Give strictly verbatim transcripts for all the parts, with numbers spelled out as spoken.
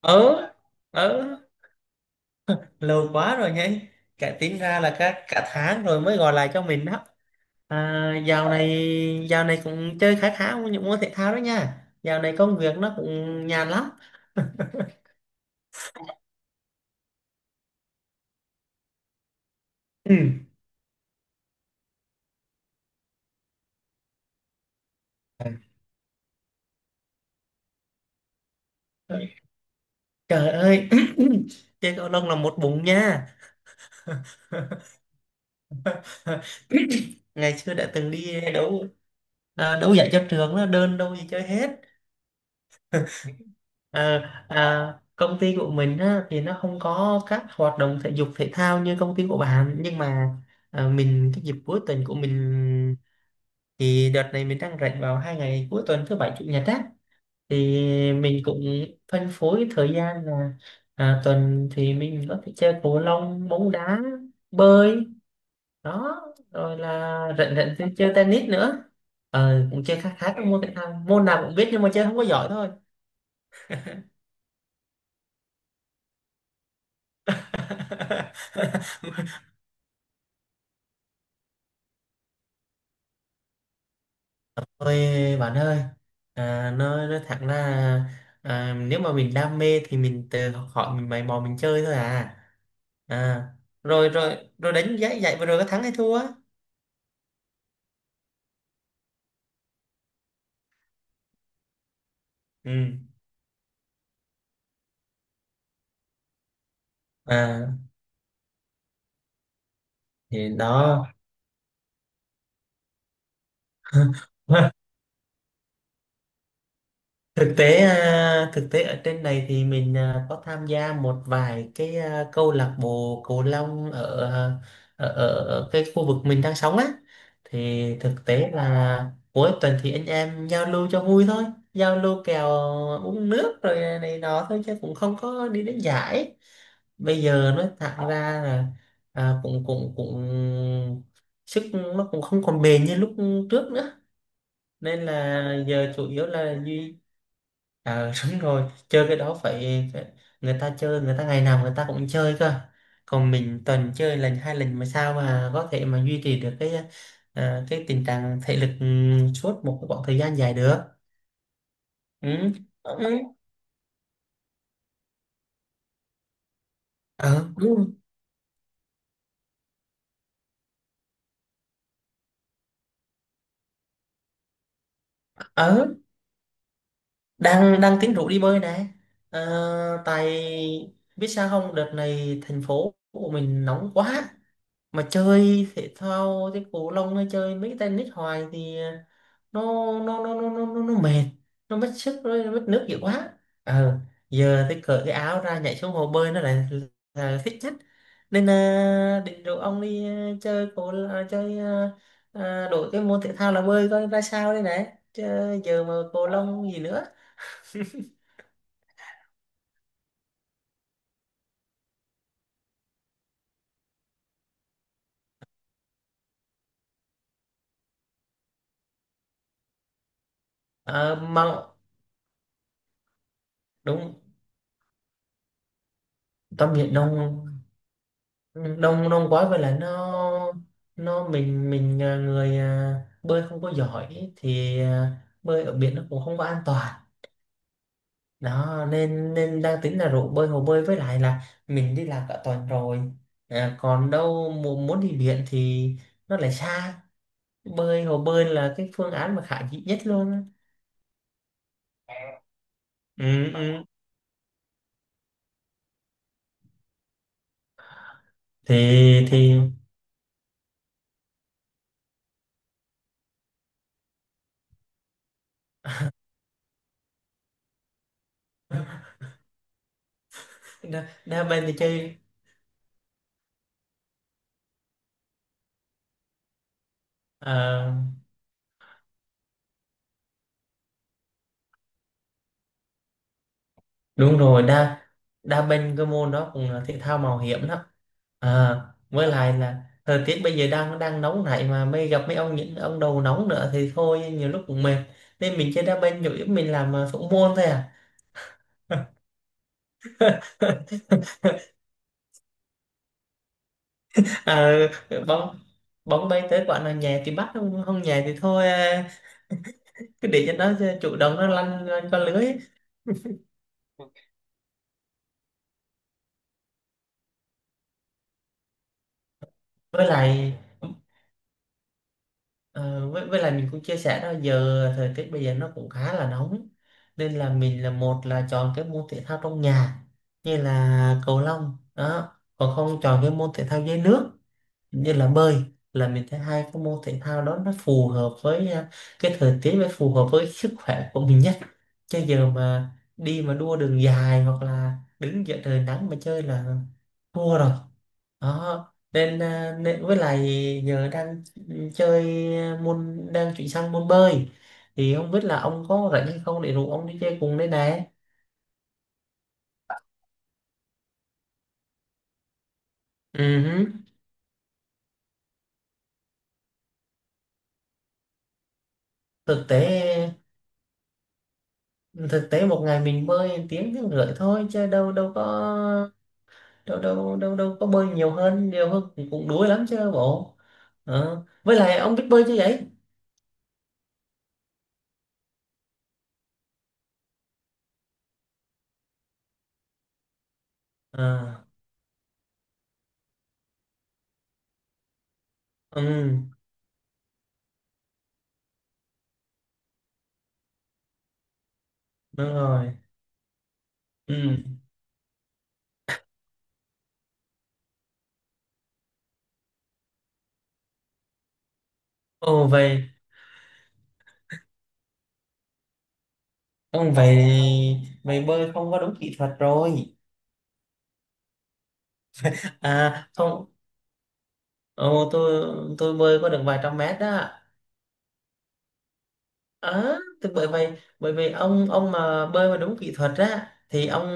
ờ ờ lâu quá rồi nhé. Cả tính ra là cả cả tháng rồi mới gọi lại cho mình đó. À, dạo này dạo này cũng chơi khá khá những môn thể thao đó nha, dạo này công việc nó cũng nhàn lắm. Ừ. Trời ơi! Chơi cầu lông là một bụng nha. Ngày xưa đã từng đi đấu. À, đấu giải cho trường đó, đơn đâu gì chơi hết. Ờ, à, công ty của mình á, thì nó không có các hoạt động thể dục thể thao như công ty của bạn, nhưng mà à, mình, cái dịp cuối tuần của mình, thì đợt này mình đang rảnh vào hai ngày cuối tuần, thứ bảy chủ nhật á, thì mình cũng phân phối thời gian là à, tuần thì mình có thể chơi cầu lông, bóng đá, bơi đó, rồi là rảnh rảnh thì chơi tennis nữa. Ờ, cũng chơi khá khá các môn thể thao, môn nào cũng biết nhưng mà chơi không có giỏi thôi. Ôi bạn ơi, à, nói nói thẳng ra, à, nếu mà mình đam mê thì mình tự học hỏi, mình mày mò mình chơi thôi à. À, rồi rồi rồi đánh giá giải vừa rồi có thắng hay thua á? Ừ. À, thì đó. Thực tế à, thực tế ở trên này thì mình, à, có tham gia một vài cái, à, câu lạc bộ cầu lông ở, à, ở ở ở cái khu vực mình đang sống á, thì thực tế là cuối tuần thì anh em giao lưu cho vui thôi, giao lưu kèo, uống nước rồi này nọ thôi chứ cũng không có đi đến giải. Bây giờ nói thẳng ra là à, cũng cũng cũng sức nó cũng không còn bền như lúc trước nữa, nên là giờ chủ yếu là duy. Ờ, đúng rồi, chơi cái đó phải, phải, người ta chơi, người ta ngày nào người ta cũng chơi cơ. Còn mình tuần chơi lần hai lần mà sao mà có thể mà duy trì được cái, ờ, cái tình trạng thể lực, ừ, suốt một cái khoảng thời gian dài được. Ừ. Ừ. Ờ, đúng. Ờ, đang đang tính rủ đi bơi nè. Ờ, tại biết sao không, đợt này thành phố của mình nóng quá. Mà chơi thể thao thế, cầu lông hay chơi mấy cái tennis hoài thì nó nó nó nó nó nó, nó mệt, nó mất sức, nó mất nước nhiều quá. Ờ, giờ tôi cởi cái áo ra nhảy xuống hồ bơi nó lại là thích nhất, nên à, định rủ ông đi, à, chơi cầu à, chơi à, à, đổi cái môn thể thao là bơi coi ra sao đây này, chứ giờ mà cầu lông gì nữa. Ờ, mà đúng, tắm biển đông. Ừ, đông đông quá vậy là nó nó mình mình à, người à, bơi không có giỏi thì à, bơi ở biển nó cũng không có an toàn đó, nên nên đang tính là rủ bơi hồ bơi, với lại là mình đi làm cả tuần rồi, à, còn đâu muốn muốn đi biển thì nó lại xa, bơi hồ bơi là cái phương án mà khả dĩ nhất luôn á. Ừ, ừ. thì thì đa, đa bên thì chơi. à, Đúng rồi, đa đa bên cái môn đó cũng là thể thao mạo hiểm đó, à, với lại là thời tiết bây giờ đang đang nóng này, mà mới gặp mấy ông, những ông đầu nóng nữa thì thôi, nhiều lúc cũng mệt. Nên mình chơi đa bên chủ yếu mình làm à, thủ môn thôi à. Ờ, bóng bóng bay tới quả nào nhẹ thì bắt, không không nhẹ thì thôi à, cứ để cho nó, à, chủ động nó lăn, lăn qua lưới. Với lại, ờ, với, với lại mình cũng chia sẻ đó, giờ thời tiết bây giờ nó cũng khá là nóng, nên là mình là, một là chọn cái môn thể thao trong nhà như là cầu lông đó, còn không chọn cái môn thể thao dưới nước như là bơi, là mình thấy hai cái môn thể thao đó nó phù hợp với, à, cái thời tiết và phù hợp với sức khỏe của mình nhất. Chứ giờ mà đi mà đua đường dài hoặc là đứng giữa trời nắng mà chơi là thua rồi đó. Nên, à, nên với lại giờ đang chơi môn, đang chuyển sang môn bơi, thì không biết là ông có rảnh hay không để rủ ông đi chơi cùng đây này. Ừ. Hứ. thực tế Thực tế một ngày mình bơi tiếng tiếng rưỡi thôi chứ đâu đâu có, đâu đâu đâu đâu có bơi nhiều hơn, nhiều hơn cũng, cũng đuối lắm chứ bộ. Ờ. Với lại ông biết bơi chứ vậy? À, ừ đúng rồi, ừ, ồ vậy, ông vậy, vậy bơi không có đúng kỹ thuật rồi. À không, ồ, tôi tôi bơi có được vài trăm mét đó. Ờ, thì bởi vậy, bởi vậy ông ông mà bơi mà đúng kỹ thuật á thì ông,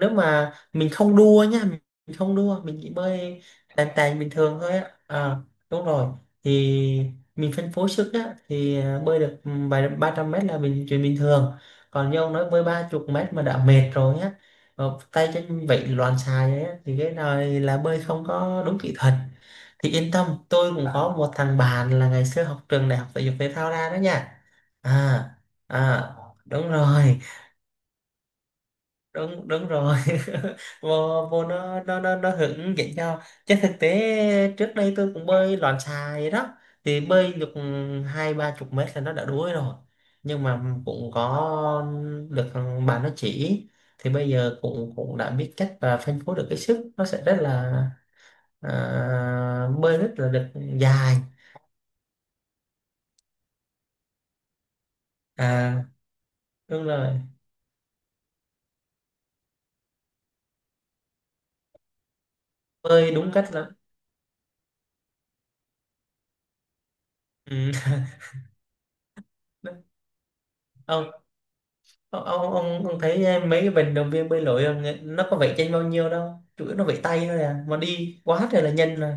nếu mà mình không đua nha, mình không đua, mình chỉ bơi tàn tàn bình thường thôi á, à, đúng rồi, thì mình phân phối sức á thì, à, bơi được, ừ, vài ba trăm mét là mình chuyện bình thường. Còn như ông nói bơi ba chục mét mà đã mệt rồi á, ờ, tay chân vậy loạn xài ấy á, thì cái này là bơi không có đúng kỹ thuật. Thì yên tâm, tôi cũng có một thằng bạn là ngày xưa học trường đại học thể dục thể thao ra đó nha. À. À đúng rồi. Đúng Đúng rồi. vô vô nó nó nó nó hướng dẫn cho, chứ thực tế trước đây tôi cũng bơi loạn xà vậy đó, thì bơi được hai ba chục mét là nó đã đuối rồi, nhưng mà cũng có được bạn nó chỉ, thì bây giờ cũng cũng đã biết cách và phân phối được cái sức, nó sẽ rất là, à, bơi rất là được dài. À đúng rồi, bơi đúng cách là. Ừ. Ờ, Ô- ông ông ông thấy, ờ, mấy cái vận động viên bơi lội là người- nó có vẩy chân bao nhiêu đâu, chủ yếu nó vẩy tay thôi à mà đi quá trời là nhanh rồi.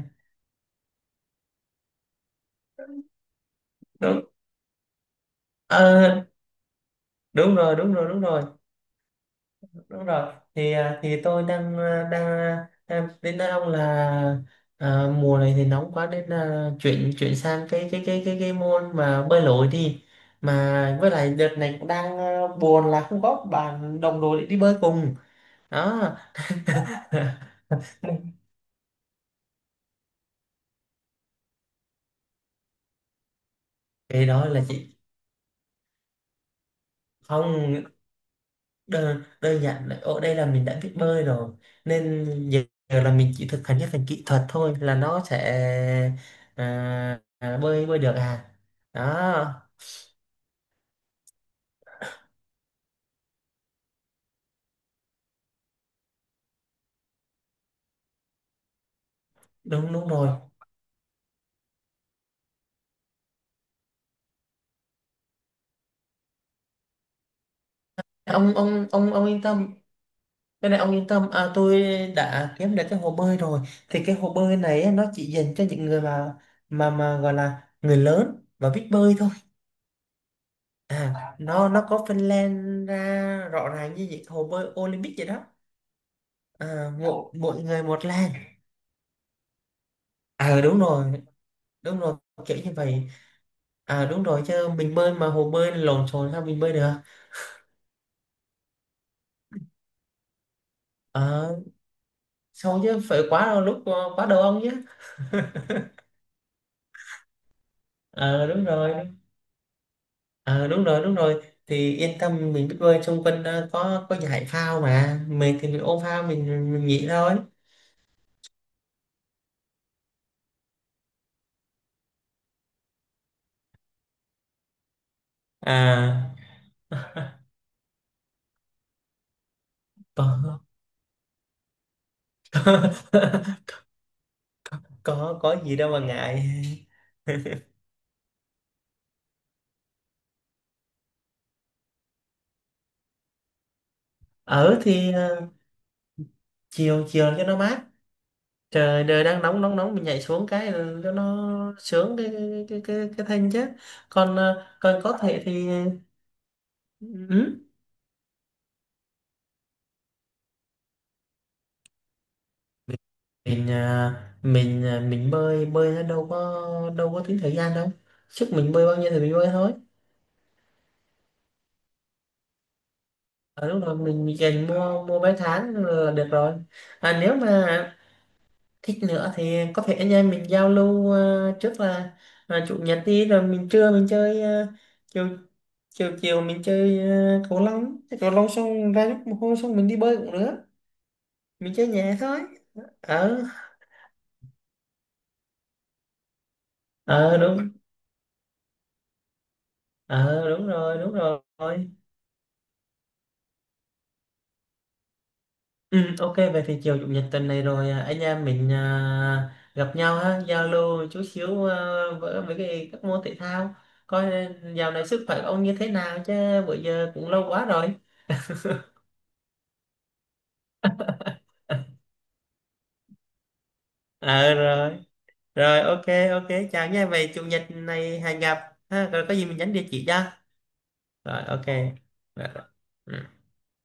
Đúng. Ờ, đúng rồi đúng rồi đúng rồi. Đúng rồi thì, à, thì tôi đang, à, đang à, đang đến nói ông là à, mùa này thì nóng quá, nên là chuyển chuyển sang cái cái cái cái cái môn mà bơi lội đi. Mà với lại đợt này cũng đang, à, buồn là không có bạn đồng đội để đi bơi cùng đó. Cái đó là chị, không, đơn, đơn giản là ở đây là mình đã biết bơi rồi, nên giờ, giờ là mình chỉ thực hành cái phần kỹ thuật thôi là nó sẽ, à, à, bơi bơi được à đó. Đúng Đúng rồi. Ông ông ông ông yên tâm, cái này ông yên tâm, à, tôi đã kiếm được cái hồ bơi rồi, thì cái hồ bơi này á, nó chỉ dành cho những người mà mà mà gọi là người lớn và biết bơi thôi. À. nó nó có phân lên ra rõ ràng như những hồ bơi Olympic vậy đó, à, mỗi mỗi người một làng. À đúng rồi, đúng rồi, kiểu như vậy. À đúng rồi, chứ mình bơi mà hồ bơi lộn xộn sao mình bơi được. à, Sao chứ phải quá đau lúc, ờ, quá đầu ông chứ. à, đúng rồi à, Đúng rồi đúng rồi, thì yên tâm mình biết bơi, xung quanh à, có có giải phao mà, mình thì mình ôm phao mình, mình nghỉ thôi à. Có. có có gì đâu mà ngại. Ở thì, à, chiều chiều cho nó mát, trời đời đang nóng nóng nóng, mình nhảy xuống cái, ừ, cho nó sướng cái cái cái cái, cái thân chứ, còn ờ, còn có thể thì. Ừ. mình mình à, mình à, mình bơi bơi nó đâu có, đâu có tính thời gian đâu, sức mình bơi bao nhiêu thì mình bơi thôi. Ở lúc đó mình mình dành mua mua vé tháng là được rồi. À, nếu mà thích nữa thì có thể anh em mình giao lưu, à, trước là à, chủ nhật đi, rồi mình trưa mình chơi, à, chiều chiều chiều mình chơi, ờ, cầu lông, chơi cầu lông xong ra lúc mồ hôi xong mình đi bơi cũng được, mình chơi nhẹ thôi. Ờ ờ đúng, ờ đúng rồi, đúng rồi. Ừ, ok vậy thì chiều chủ nhật tuần này rồi, à, anh em mình à, gặp nhau ha, giao lưu chút xíu, à, với với cái các môn thể thao, coi dạo này sức khỏe ông như thế nào chứ, bữa giờ cũng lâu quá rồi. Ờ rồi, rồi ok, ok, chào nha, vậy chủ nhật này hẹn gặp ha. Rồi có gì mình nhắn địa chỉ cho. Rồi ok. Rồi. Ừ.